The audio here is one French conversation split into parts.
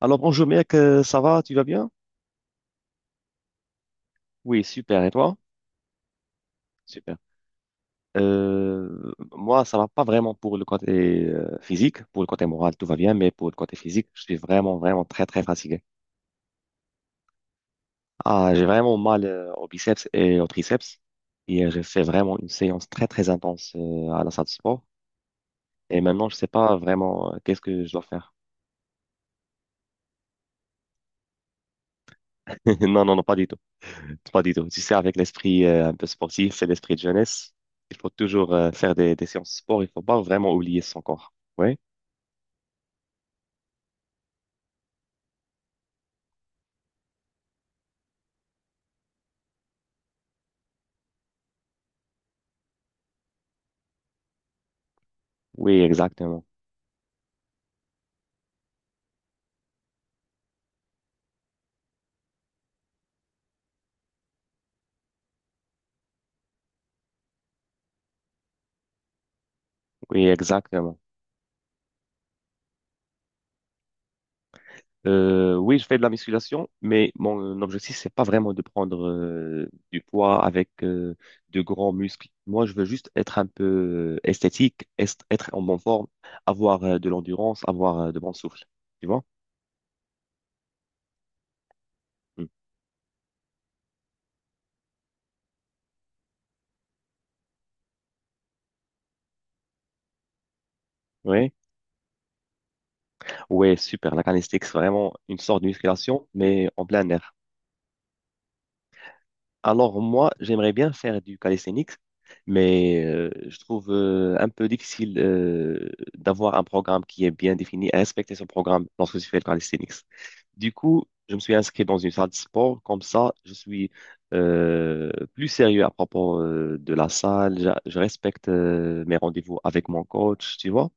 Alors bonjour mec, ça va, tu vas bien? Oui, super, et toi? Super. Moi, ça va pas vraiment pour le côté physique, pour le côté moral, tout va bien, mais pour le côté physique, je suis vraiment, vraiment très, très fatigué. Ah, j'ai vraiment mal aux biceps et aux triceps, et j'ai fait vraiment une séance très, très intense à la salle de sport, et maintenant, je sais pas vraiment qu'est-ce que je dois faire. Non, non, non, pas du tout, pas du tout. Tu sais, avec l'esprit un peu sportif et l'esprit de jeunesse, il faut toujours faire des séances de sport, il faut pas vraiment oublier son corps. Ouais. Oui, exactement. Oui, exactement. Oui, je fais de la musculation, mais mon objectif, c'est pas vraiment de prendre du poids avec de grands muscles. Moi, je veux juste être un peu esthétique, être en bonne forme, avoir de l'endurance, avoir de bon souffle. Tu vois? Mm. Oui, ouais, super. La calisthenics, c'est vraiment une sorte de musculation, mais en plein air. Alors moi, j'aimerais bien faire du calisthenics, mais je trouve un peu difficile d'avoir un programme qui est bien défini et respecter ce programme lorsque je fais le calisthenics. Du coup, je me suis inscrit dans une salle de sport. Comme ça, je suis plus sérieux à propos de la salle. Je respecte mes rendez-vous avec mon coach, tu vois.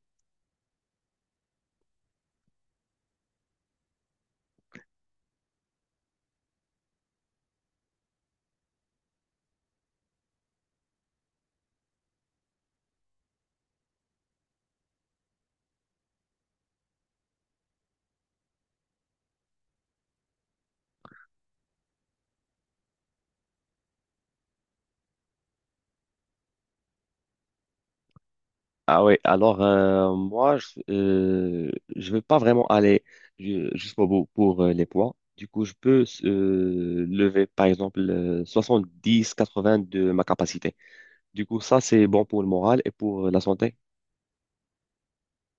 Ah oui, alors moi, je vais pas vraiment aller jusqu'au bout pour les poids. Du coup, je peux lever, par exemple, 70, 80 de ma capacité. Du coup, ça, c'est bon pour le moral et pour la santé.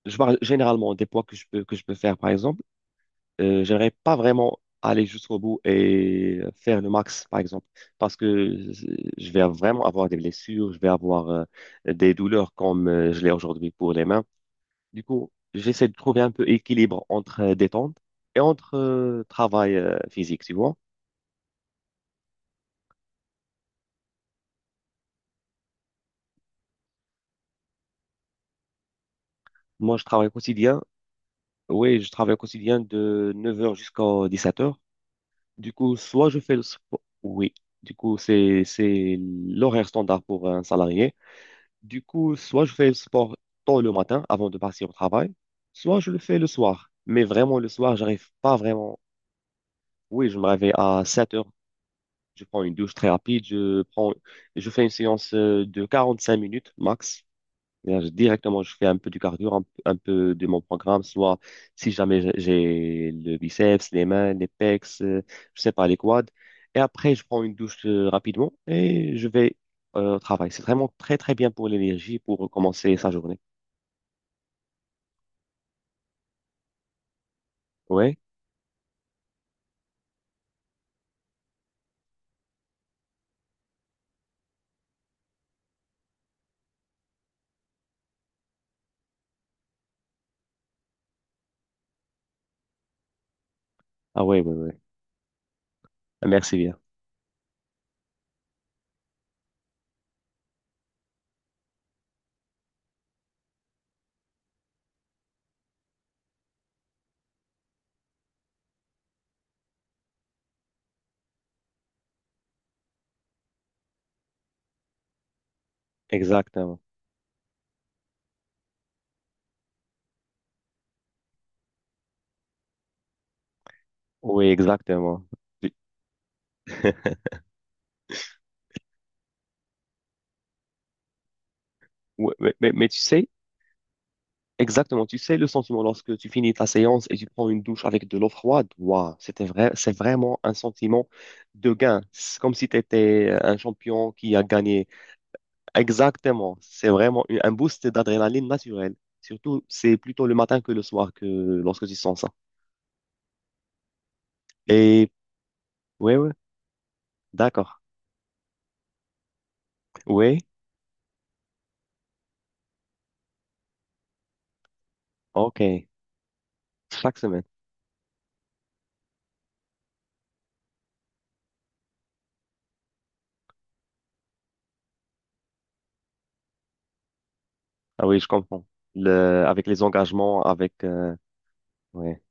Je parle généralement des poids que je peux faire, par exemple. J'aimerais pas vraiment aller jusqu'au bout et faire le max, par exemple, parce que je vais vraiment avoir des blessures, je vais avoir des douleurs comme je l'ai aujourd'hui pour les mains. Du coup, j'essaie de trouver un peu équilibre entre détente et entre travail physique, tu vois. Moi, je travaille au quotidien. Oui, je travaille au quotidien de 9 heures jusqu'à 17 heures. Du coup, soit je fais le sport. Oui, du coup, c'est l'horaire standard pour un salarié. Du coup, soit je fais le sport tôt le matin avant de partir au travail, soit je le fais le soir. Mais vraiment, le soir, j'arrive pas vraiment. Oui, je me réveille à 7 h. Je prends une douche très rapide. Je prends, je fais une séance de 5 minutes max. Et là, directement, je fais un peu du cardio, un peu de mon programme, soit si jamais j'ai le biceps, les mains, les pecs, je sais pas, les quads. Et après, je prends une douche rapidement et je vais au travail. C'est vraiment très, très bien pour l'énergie, pour commencer sa journée. Ouais? Ah ouais, ouais, ouais. Ah, merci bien. Exactement. Oui, exactement. Ouais, mais, mais tu sais, exactement, tu sais le sentiment lorsque tu finis ta séance et tu prends une douche avec de l'eau froide, waouh, c'était vrai, c'est vraiment un sentiment de gain. C'est comme si tu étais un champion qui a gagné. Exactement, c'est vraiment un boost d'adrénaline naturelle. Surtout, c'est plutôt le matin que le soir que lorsque tu sens ça. Et oui, oui, d'accord. Oui, ok, chaque semaine. Ah oui, je comprends. Le, avec les engagements, avec... ouais,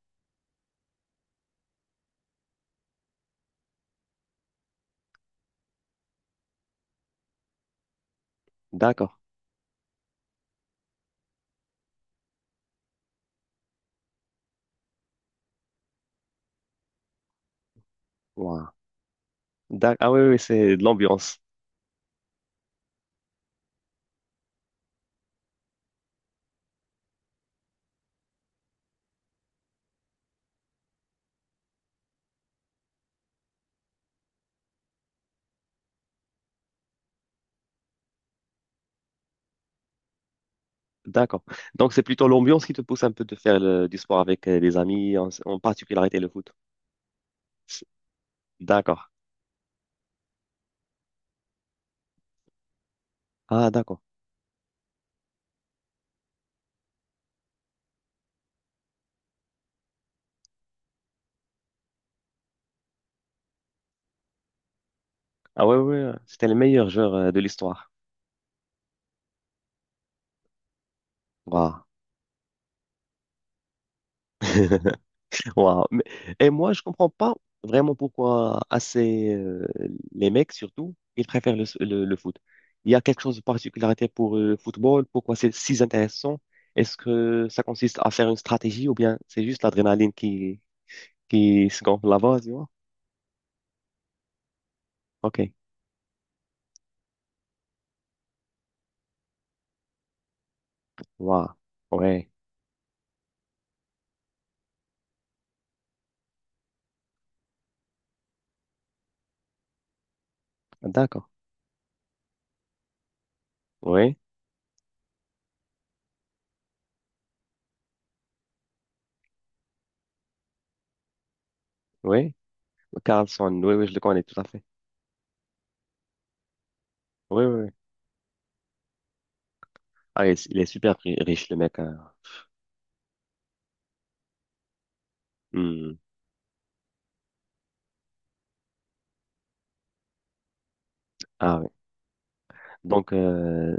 d'accord. Waouh. Ah oui, oui, c'est de l'ambiance. D'accord. Donc, c'est plutôt l'ambiance qui te pousse un peu de faire du sport avec les amis, en, en particularité le foot. D'accord. Ah, d'accord. Ah ouais, ouais, ouais. C'était le meilleur joueur de l'histoire. Waouh. Waouh. Mais- et moi, je comprends pas vraiment pourquoi assez les mecs surtout, ils préfèrent le foot. Il y a quelque chose de particularité pour le football, pourquoi c'est si intéressant? Est-ce que ça consiste à faire une stratégie ou bien c'est juste l'adrénaline qui se gonfle là-bas, tu vois? Ok. Waouh, ouais, d'accord, oui, oui, Carlson, oui, oui, je le connais tout à fait, oui, oui, oui. Ah, il est super riche, le mec, hein. Hmm. Ah oui, donc,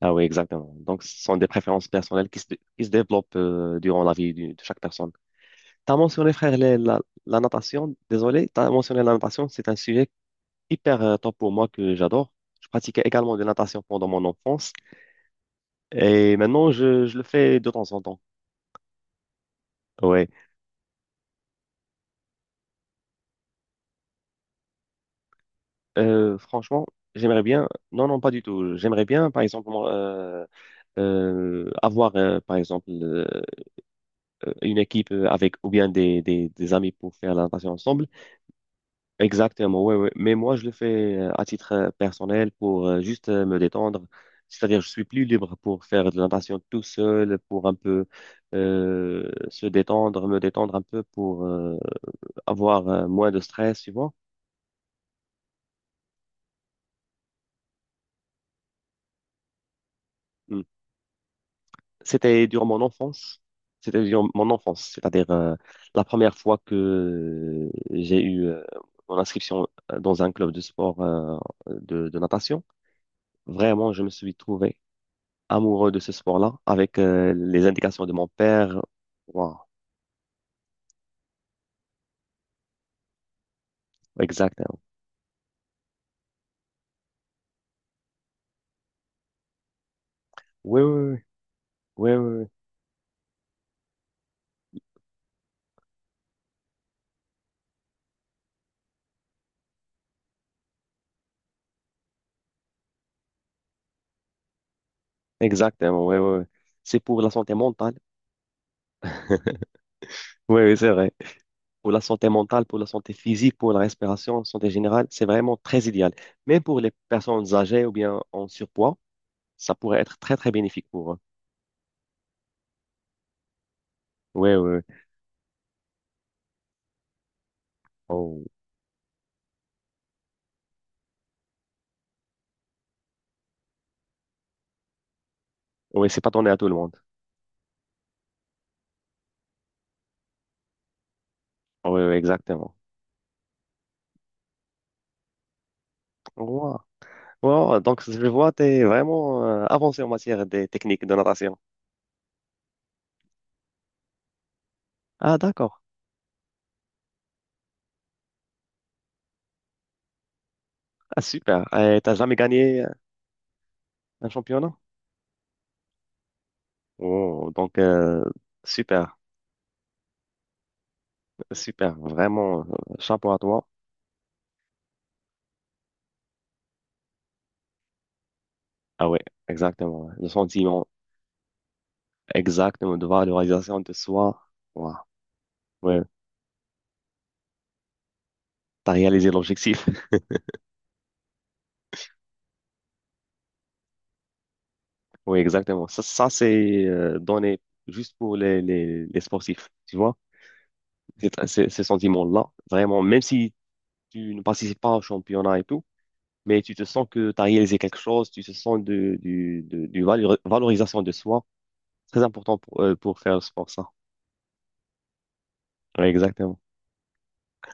ah oui, exactement, donc ce sont des préférences personnelles qui se, qui se développent durant la vie de chaque personne. T'as mentionné, frère, la, la natation, désolé, t'as mentionné la natation, c'est un sujet hyper top pour moi que j'adore, je pratiquais également de la natation pendant mon enfance, et maintenant, je le fais de temps en temps, oui. Franchement, j'aimerais bien. Non, non, pas du tout. J'aimerais bien, par exemple, moi, avoir, par exemple, une équipe avec ou bien des amis pour faire la natation ensemble. Exactement, ouais, ouais. Mais moi, je le fais à titre personnel pour juste me détendre. C'est-à-dire, je suis plus libre pour faire de la natation tout seul, pour un peu me détendre un peu pour avoir moins de stress, tu vois. C'était durant mon enfance. C'était durant mon enfance, c'est-à-dire la première fois que j'ai eu mon inscription dans un club de sport de natation. Vraiment, je me suis trouvé amoureux de ce sport-là avec les indications de mon père. Wow, exactement. Oui, oui, oui, oui, oui, oui. Exactement. Oui, oui. Oui. C'est pour la santé mentale. Oui, oui, c'est vrai. Pour la santé mentale, pour la santé physique, pour la respiration, santé générale, c'est vraiment très idéal. Même pour les personnes âgées ou bien en surpoids, ça pourrait être très, très bénéfique pour eux. Oui, oui, oui. Oui, c'est pas donné à tout le monde. Oui, oui, exactement. Wow. Wow, donc, je vois, tu es vraiment avancé en matière des techniques de natation. Ah, d'accord. Ah, super. Tu T'as jamais gagné un championnat? Oh, donc, super, super. Vraiment, chapeau à toi. Ah oui, exactement. Le sentiment. Exactement, de voir la réalisation de soi. Waouh, ouais, t'as réalisé l'objectif. Oui, exactement. Ça, c'est donné juste pour les sportifs, tu vois. Ces sentiments-là, vraiment, même si tu ne participes pas au championnat et tout, mais tu te sens que tu as réalisé quelque chose, tu te sens du valorisation de soi. Très important pour faire le sport, ça. Oui, exactement.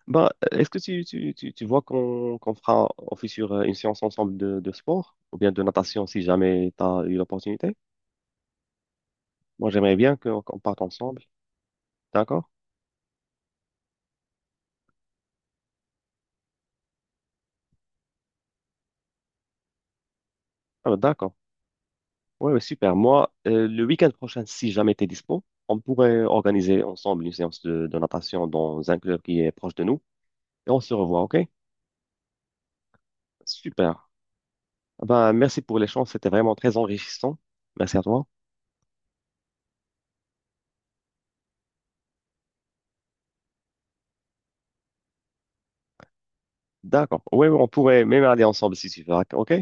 Bah, est-ce que tu vois qu'on fera office sur une séance ensemble de sport ou bien de natation si jamais tu as eu l'opportunité? Moi, j'aimerais bien qu'on parte ensemble. D'accord? Ah, bah, d'accord. Ouais, ouais, super. Moi, le week-end prochain, si jamais tu es dispo, on pourrait organiser ensemble une séance de natation dans un club qui est proche de nous et on se revoit, OK? Super. Ah, bah, merci pour l'échange. C'était vraiment très enrichissant. Merci à toi. D'accord. Oui, on pourrait même aller ensemble si tu veux. OK?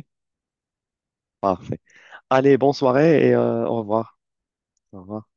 Parfait. Allez, bonne soirée et au revoir. Au revoir.